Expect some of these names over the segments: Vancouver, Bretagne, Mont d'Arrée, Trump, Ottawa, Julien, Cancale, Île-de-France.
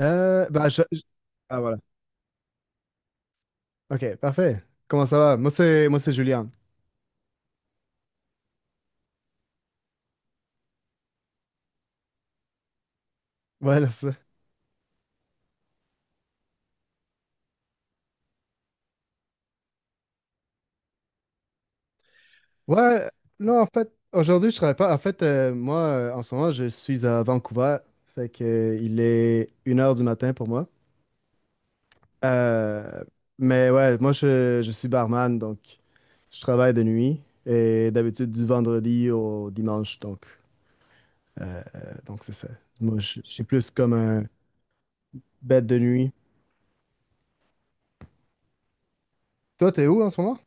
Euh, bah, je- je- Ah, voilà. Ok, parfait. Comment ça va? Moi, c'est Julien. Voilà, ça. Ouais, non, en fait, aujourd'hui, je travaille pas. En fait, moi, en ce moment, je suis à Vancouver. Fait que, il est une heure du matin pour moi. Euh, mais ouais, moi, je suis barman, donc je travaille de nuit. Et d'habitude, du vendredi au dimanche, euh, donc c'est ça. Moi, je suis plus comme un bête de nuit. Toi, t'es où en ce moment?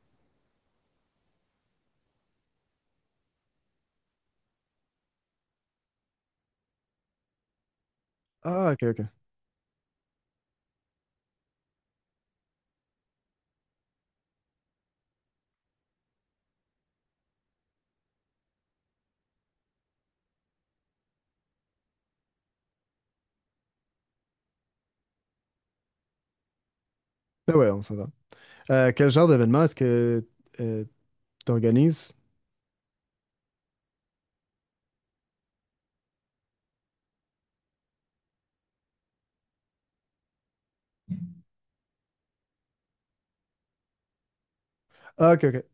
Ah, ok, ok. Ben ouais, on s'en va. Quel genre d'événement est-ce que tu organises? Ah, ok, ok.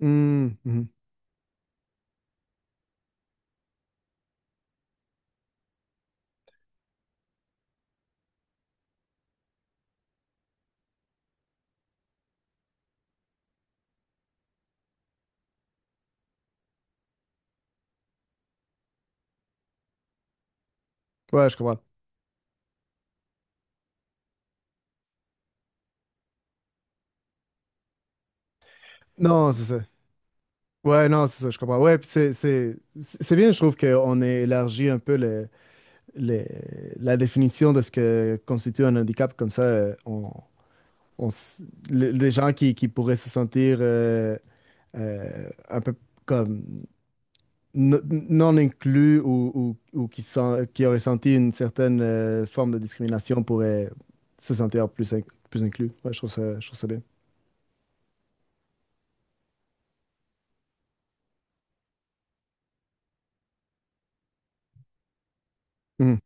Hmm, mhm. Ouais, je comprends. Non, c'est ça. Ouais, non, c'est ça, je comprends. Ouais, puis c'est bien, je trouve qu'on ait élargi un peu le- la définition de ce que constitue un handicap. Comme ça, on s- les gens qui pourraient se sentir un peu comme n- non inclus ou qui auraient senti une certaine forme de discrimination pourraient se sentir plus inclus. Je trouve ça bien. Mhm.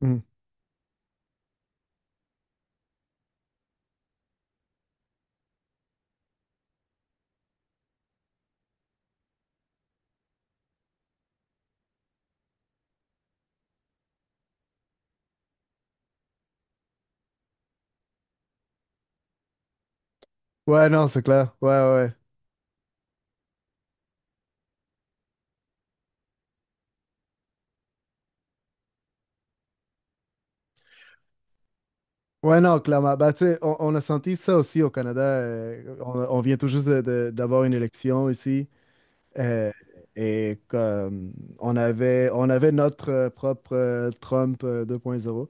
Mhm. Ouais, non, c'est clair. Ouais, ouais. Ouais, non, clairement. Bah, tu sais, on a senti ça aussi au Canada. On vient tout juste d'avoir une élection ici. Euh, et comme on avait notre propre Trump 2.0.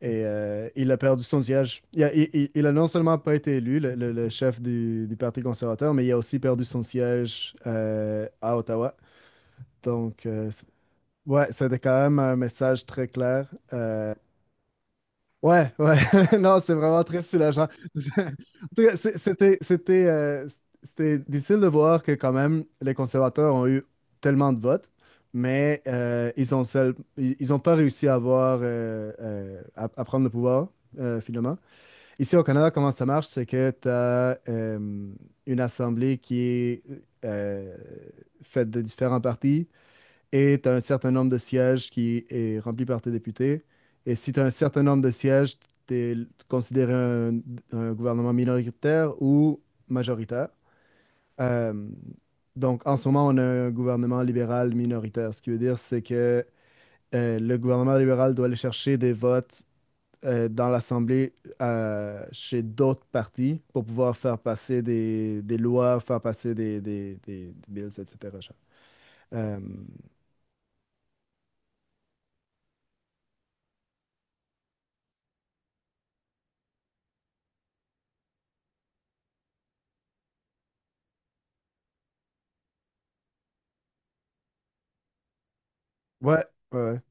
Et il a perdu son siège. Il a, il- il a non seulement pas été élu, le chef du Parti conservateur, mais il a aussi perdu son siège à Ottawa. Donc, euh, c- ouais, C'était quand même un message très clair. Ouais, ouais. Non, c'est vraiment très soulageant. En tout cas, c'était difficile de voir que quand même, les conservateurs ont eu tellement de votes, mais ils ont pas réussi à avoir, à prendre le pouvoir, finalement. Ici au Canada, comment ça marche? C'est que tu as une assemblée qui est euh, faite de différents partis et tu as un certain nombre de sièges qui est rempli par tes députés. Et si tu as un certain nombre de sièges, tu es considéré un gouvernement minoritaire ou majoritaire. Euh, donc en ce moment, on a un gouvernement libéral minoritaire. Ce qui veut dire, c'est que le gouvernement libéral doit aller chercher des votes dans l'Assemblée chez d'autres partis pour pouvoir faire passer des lois, faire passer des bills, etc. genre. Euh, ouais, ouais, ouais.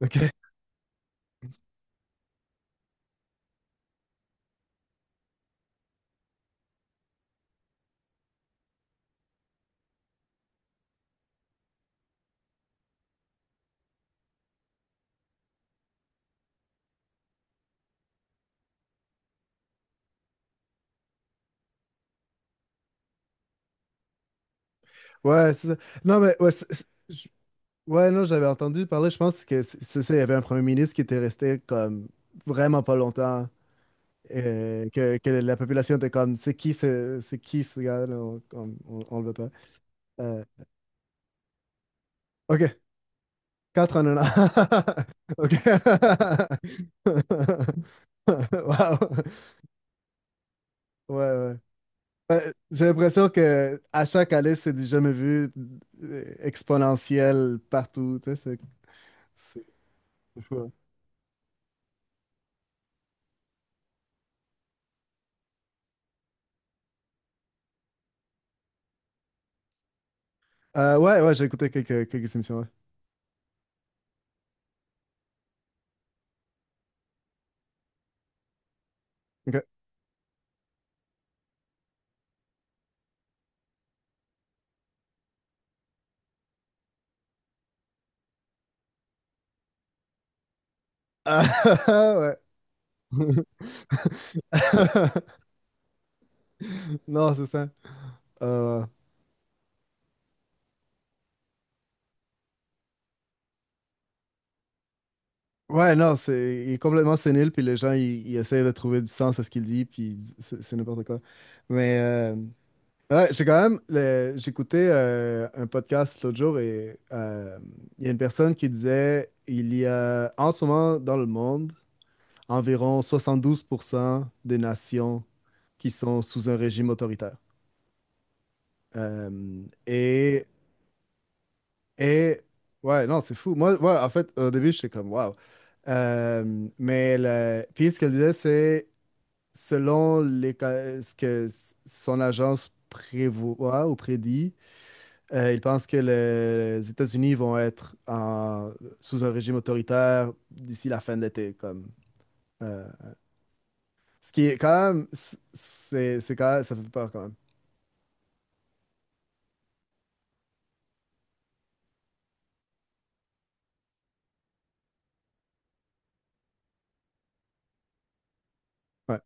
OK. Ouais, c'est ça. Non, mais ouais, c'est- je- Ouais, non, j'avais entendu parler, je pense que c'est ça, il y avait un premier ministre qui était resté comme vraiment pas longtemps. Que la population était comme c'est qui ce gars-là on le veut pas. Euh, ok. 4,99. OK. Wow. Ouais, ouais. Ouais, j'ai l'impression que à chaque année, c'est du jamais vu exponentiel partout. Tu sais, c'est fou, hein. Ouais, ouais, j'ai écouté quelques émissions. Ouais. OK. Ah, ouais. Non, c'est ça. Euh, ouais, non, c'est, il est complètement sénile, puis les gens, ils essayent de trouver du sens à ce qu'il dit, puis c'est n'importe quoi. Mais, euh, Ouais, j'ai quand même. J'écoutais un podcast l'autre jour et il y a une personne qui disait il y a en ce moment dans le monde environ 72% des nations qui sont sous un régime autoritaire. Euh, et, et. Ouais, non, c'est fou. Moi, ouais, en fait, au début, j'étais comme waouh. Mais puis ce qu'elle disait, c'est selon les, ca- ce que s- son agence prévoit ou prédit. Il pense que les États-Unis vont être sous un régime autoritaire d'ici la fin de l'été, comme euh, ce qui est quand même c'est quand même ça fait peur quand même. Ouais.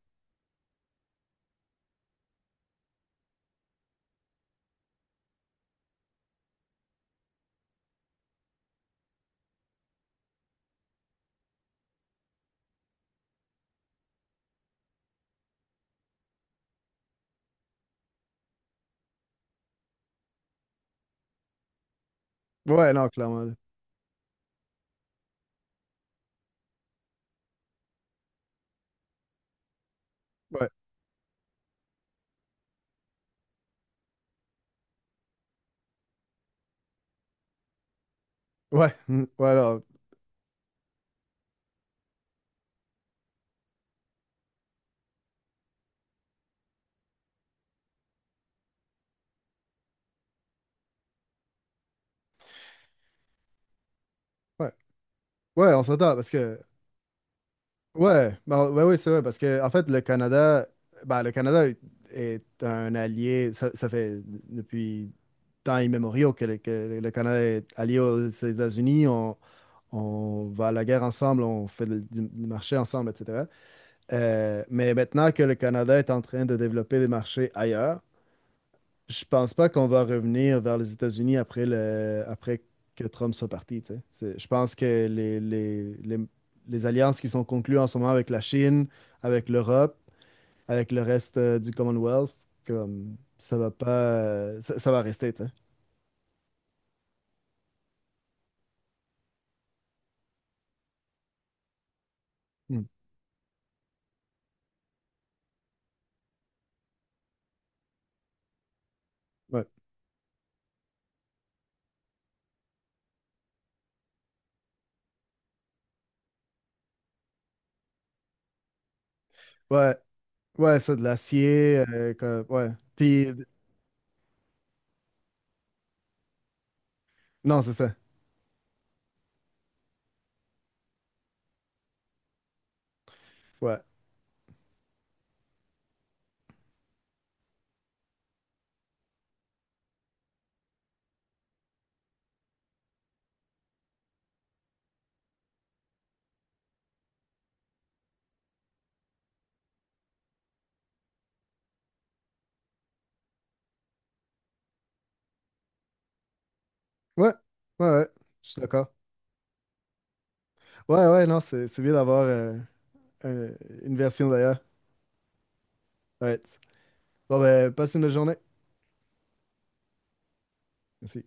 Ouais, non, clairement. Là. Ouais. Ouais. Mm, ouais, non, ouais. Ouais, on s'entend parce que ouais, bah ouais, oui, c'est vrai parce que en fait le Canada est un allié. Ça fait depuis temps immémoriaux que le Canada est allié aux États-Unis, on va à la guerre ensemble, on fait du marché ensemble, etc. Mais maintenant que le Canada est en train de développer des marchés ailleurs, je pense pas qu'on va revenir vers les États-Unis après que Trump soit parti, tu sais. Je pense que les alliances qui sont conclues en ce moment avec la Chine, avec l'Europe, avec le reste du Commonwealth, comme ça va pas, ça va rester, tu sais. Hmm. Ouais. Ouais, ouais, c'est de l'acier, ouais. Puis, non, c'est ça. Ouais. Ouais. Ouais, ouais. Je suis d'accord. Ouais, ouais, non, c'est bien d'avoir un- une version d'ailleurs. Ouais. Bon, ben, passe une bonne journée. Merci.